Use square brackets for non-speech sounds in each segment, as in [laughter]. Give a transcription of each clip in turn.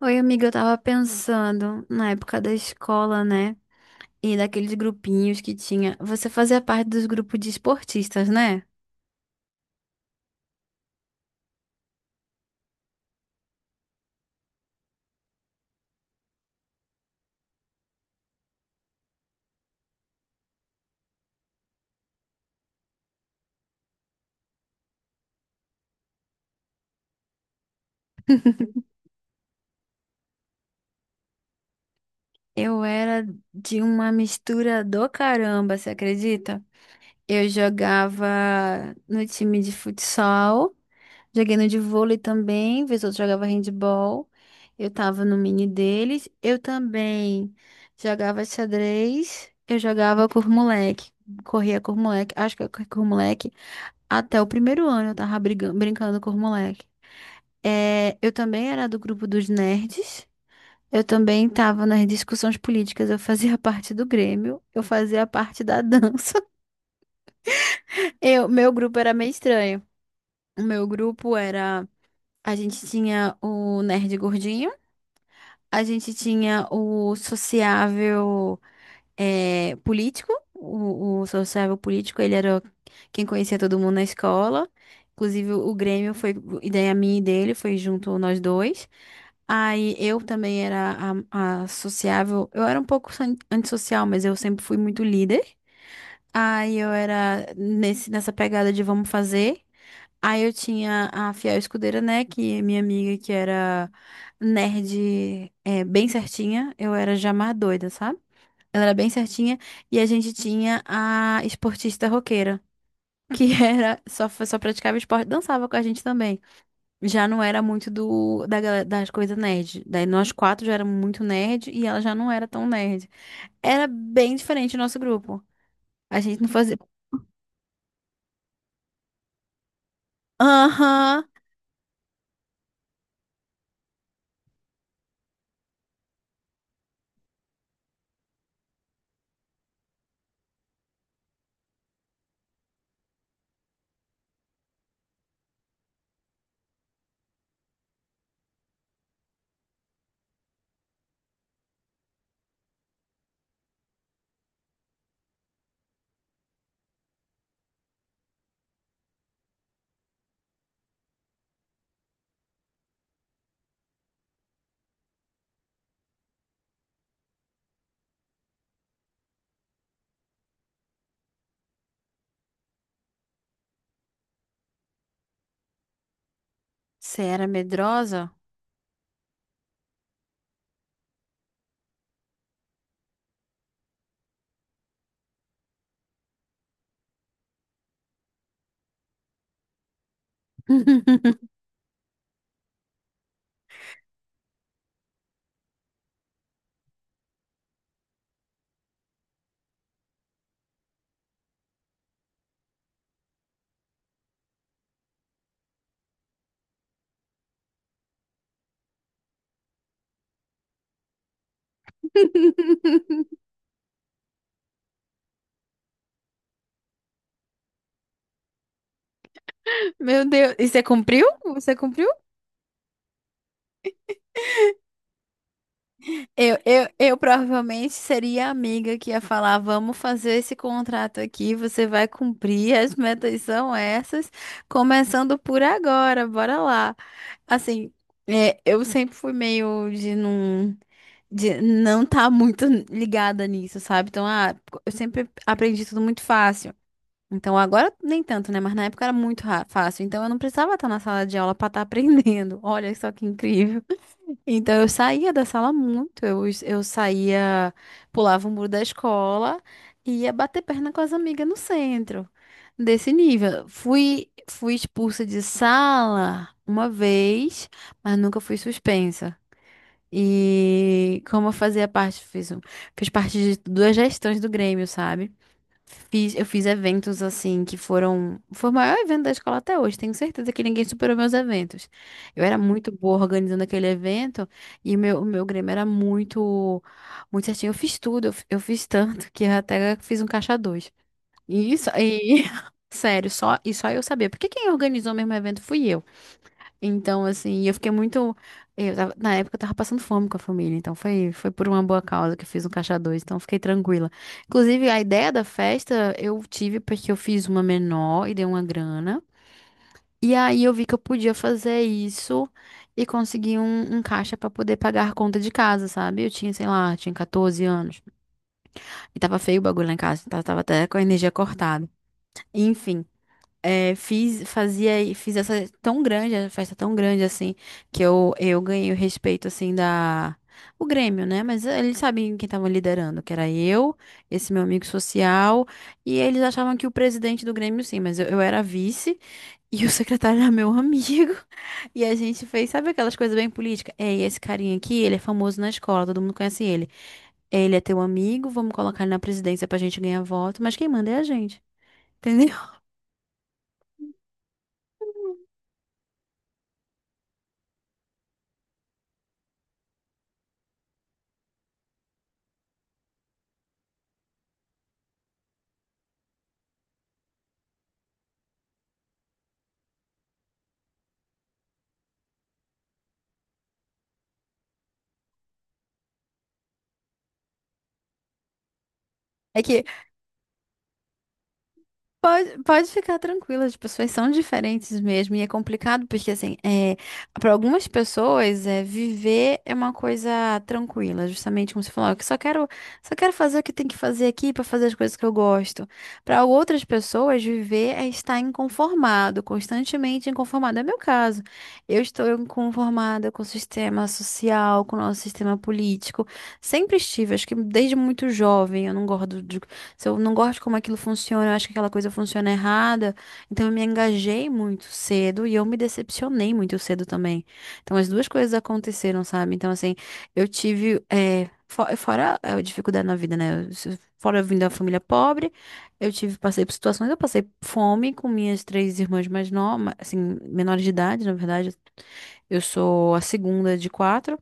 Oi, amiga, eu tava pensando na época da escola, né? E daqueles grupinhos que tinha. Você fazia parte dos grupos de esportistas, né? Eu era de uma mistura do caramba, você acredita? Eu jogava no time de futsal, joguei no de vôlei também, vez ou outra jogava handball. Eu tava no mini deles. Eu também jogava xadrez, eu jogava com os moleque, corria com os moleque, acho que eu corri com os moleque. Até o primeiro ano eu tava brigando, brincando com os moleques. É, eu também era do grupo dos nerds. Eu também tava nas discussões políticas. Eu fazia [laughs] parte do Grêmio. Eu fazia parte da dança. [laughs] Meu grupo era meio estranho. O meu grupo era. A gente tinha o nerd gordinho. A gente tinha o sociável. É, político, o sociável político, ele era quem conhecia todo mundo na escola. Inclusive, o Grêmio foi ideia minha e dele, foi junto nós dois. Aí eu também era a sociável. Eu era um pouco antissocial, mas eu sempre fui muito líder. Aí eu era nessa pegada de vamos fazer. Aí eu tinha a fiel escudeira, né? Que é minha amiga, que era nerd, é, bem certinha. Eu era já mais doida, sabe? Ela era bem certinha. E a gente tinha a esportista roqueira, que [laughs] era só praticava esporte, dançava com a gente também. Já não era muito do da, gala- das coisas nerd. Daí nós quatro já éramos muito nerd e ela já não era tão nerd. Era bem diferente o nosso grupo. A gente não fazia. Aham! Você era medrosa? [laughs] Meu Deus. E você cumpriu? Você cumpriu? Eu provavelmente seria a amiga que ia falar: vamos fazer esse contrato aqui, você vai cumprir, as metas são essas, começando por agora, bora lá. Assim, é, eu sempre fui meio de não tá muito ligada nisso, sabe? Então, ah, eu sempre aprendi tudo muito fácil. Então, agora nem tanto, né? Mas na época era muito fácil. Então, eu não precisava estar na sala de aula para estar aprendendo. [laughs] Olha só que incrível. Então eu saía da sala muito, eu saía, pulava o muro da escola e ia bater perna com as amigas no centro, desse nível. Fui expulsa de sala uma vez, mas nunca fui suspensa. E como eu fazia parte, fiz parte de duas gestões do Grêmio, sabe? Eu fiz eventos assim que foram. Foi o maior evento da escola até hoje. Tenho certeza que ninguém superou meus eventos. Eu era muito boa organizando aquele evento e o meu Grêmio era muito certinho. Eu fiz tudo, eu eu fiz tanto que eu até fiz um caixa dois. E isso, e [laughs] sério, e só eu sabia. Porque quem organizou mesmo o evento fui eu. Então, assim, eu fiquei muito. Na época eu tava passando fome com a família, então foi por uma boa causa que eu fiz um caixa dois, então eu fiquei tranquila. Inclusive, a ideia da festa eu tive porque eu fiz uma menor e dei uma grana. E aí eu vi que eu podia fazer isso e conseguir um caixa pra poder pagar a conta de casa, sabe? Eu tinha, sei lá, tinha 14 anos. E tava feio o bagulho lá em casa, tava até com a energia cortada. Enfim. É, fiz essa tão grande, a festa tão grande assim, que eu ganhei o respeito assim da o Grêmio, né? Mas eles sabiam quem tava liderando, que era eu, esse meu amigo social, e eles achavam que o presidente do Grêmio sim, mas eu era vice e o [laughs] secretário era meu amigo. [laughs] E a gente fez, sabe aquelas coisas bem políticas? É, e esse carinha aqui, ele é famoso na escola, todo mundo conhece ele. Ele é teu amigo, vamos colocar ele na presidência pra gente ganhar voto, mas quem manda é a gente, [laughs] entendeu? É que pode ficar tranquila, as pessoas são diferentes mesmo, e é complicado porque, assim, é, para algumas pessoas, é, viver é uma coisa tranquila, justamente como você falou, "Ah, só quero fazer o que tem que fazer aqui para fazer as coisas que eu gosto. Para outras pessoas, viver é estar inconformado, constantemente inconformado. É meu caso, eu estou inconformada com o sistema social, com o nosso sistema político, sempre estive, acho que desde muito jovem, eu não gosto de se eu não gosto de como aquilo funciona, eu acho que aquela coisa funciona errada. Então eu me engajei muito cedo e eu me decepcionei muito cedo também. Então as duas coisas aconteceram, sabe? Então, assim, eu tive. Fora a dificuldade na vida, né? Eu se- Fora eu vim da família pobre, passei por situações, eu passei fome com minhas três irmãs mais novas, assim, menores de idade, na verdade. Eu sou a segunda de quatro.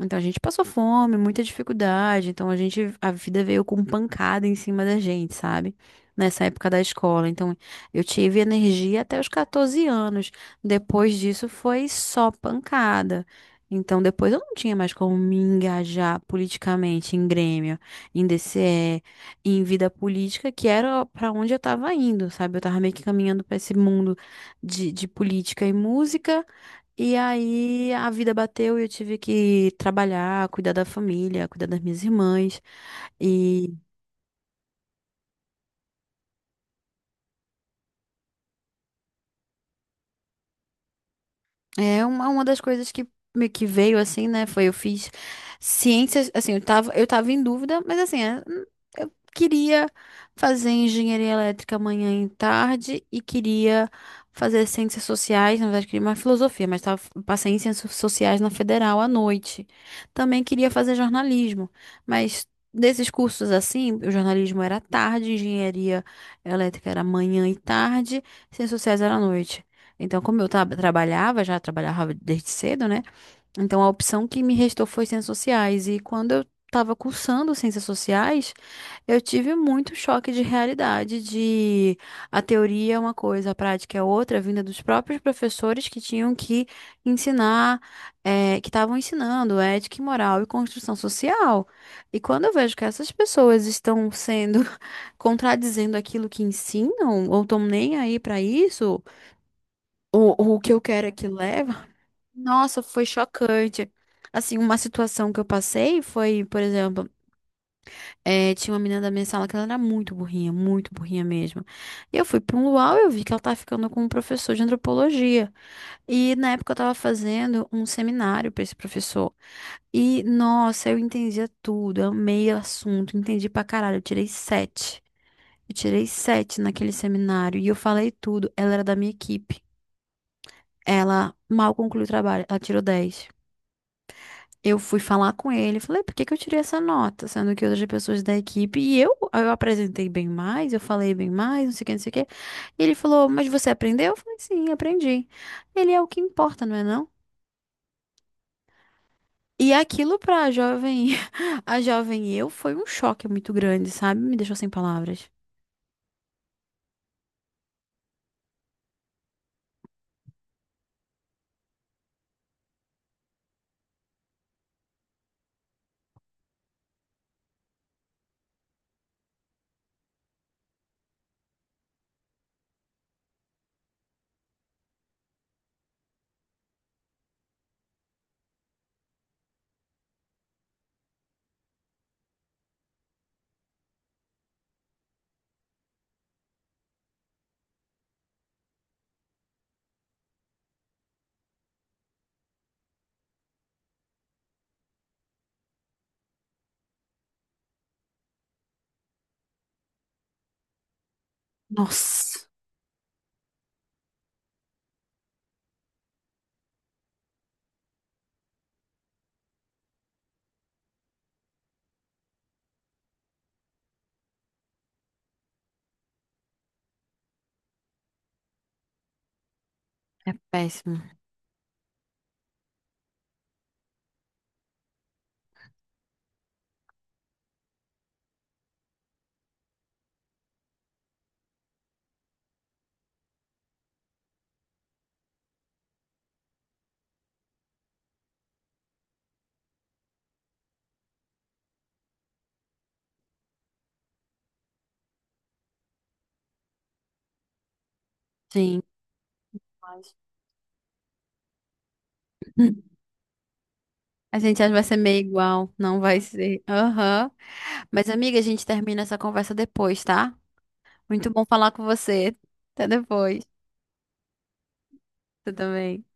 Então a gente passou fome, muita dificuldade, então a gente, a vida veio com pancada em cima da gente, sabe? Nessa época da escola. Então eu tive energia até os 14 anos. Depois disso foi só pancada. Então depois eu não tinha mais como me engajar politicamente em Grêmio, em DCE, em vida política, que era pra onde eu tava indo, sabe? Eu tava meio que caminhando pra esse mundo de política e música. E aí a vida bateu e eu tive que trabalhar, cuidar da família, cuidar das minhas irmãs. É uma das coisas que que veio assim, né? Foi eu fiz ciências, assim, eu tava em dúvida, mas assim, é, eu queria fazer engenharia elétrica amanhã e tarde e queria fazer ciências sociais, na verdade, queria mais filosofia, mas tava, passei em ciências sociais na federal à noite. Também queria fazer jornalismo, mas desses cursos assim, o jornalismo era à tarde, engenharia elétrica era manhã e tarde, ciências sociais era à noite. Então, como eu trabalhava, já trabalhava desde cedo, né? Então, a opção que me restou foi ciências sociais. E quando eu estava cursando ciências sociais, eu tive muito choque de realidade, de a teoria é uma coisa, a prática é outra, vinda dos próprios professores que tinham que ensinar, que estavam ensinando ética e moral e construção social. E quando eu vejo que essas pessoas estão sendo [laughs] contradizendo aquilo que ensinam, ou estão nem aí para isso o que eu quero é que leva. Nossa, foi chocante. Assim, uma situação que eu passei foi, por exemplo, tinha uma menina da minha sala que ela era muito burrinha mesmo. E eu fui para um luau e eu vi que ela tava ficando com um professor de antropologia. E na época eu tava fazendo um seminário para esse professor. E, nossa, eu entendia tudo, eu amei o assunto, entendi pra caralho, eu tirei sete. Eu tirei sete naquele seminário e eu falei tudo. Ela era da minha equipe. Ela mal concluiu o trabalho, ela tirou dez. Eu fui falar com ele, falei, por que que eu tirei essa nota? Sendo que outras pessoas da equipe, e eu apresentei bem mais, eu falei bem mais, não sei o que, não sei o que. Ele falou, mas você aprendeu? Eu falei, sim, aprendi. Ele é o que importa, não é não? E aquilo pra jovem, [laughs] a jovem eu, foi um choque muito grande, sabe? Me deixou sem palavras. Nossa, é péssimo. Sim. Mas- [clears throat] A gente acha que vai ser meio igual, não vai ser. Aham. Mas, amiga, a gente termina essa conversa depois, tá? Muito bom falar com você. Até depois. Você também.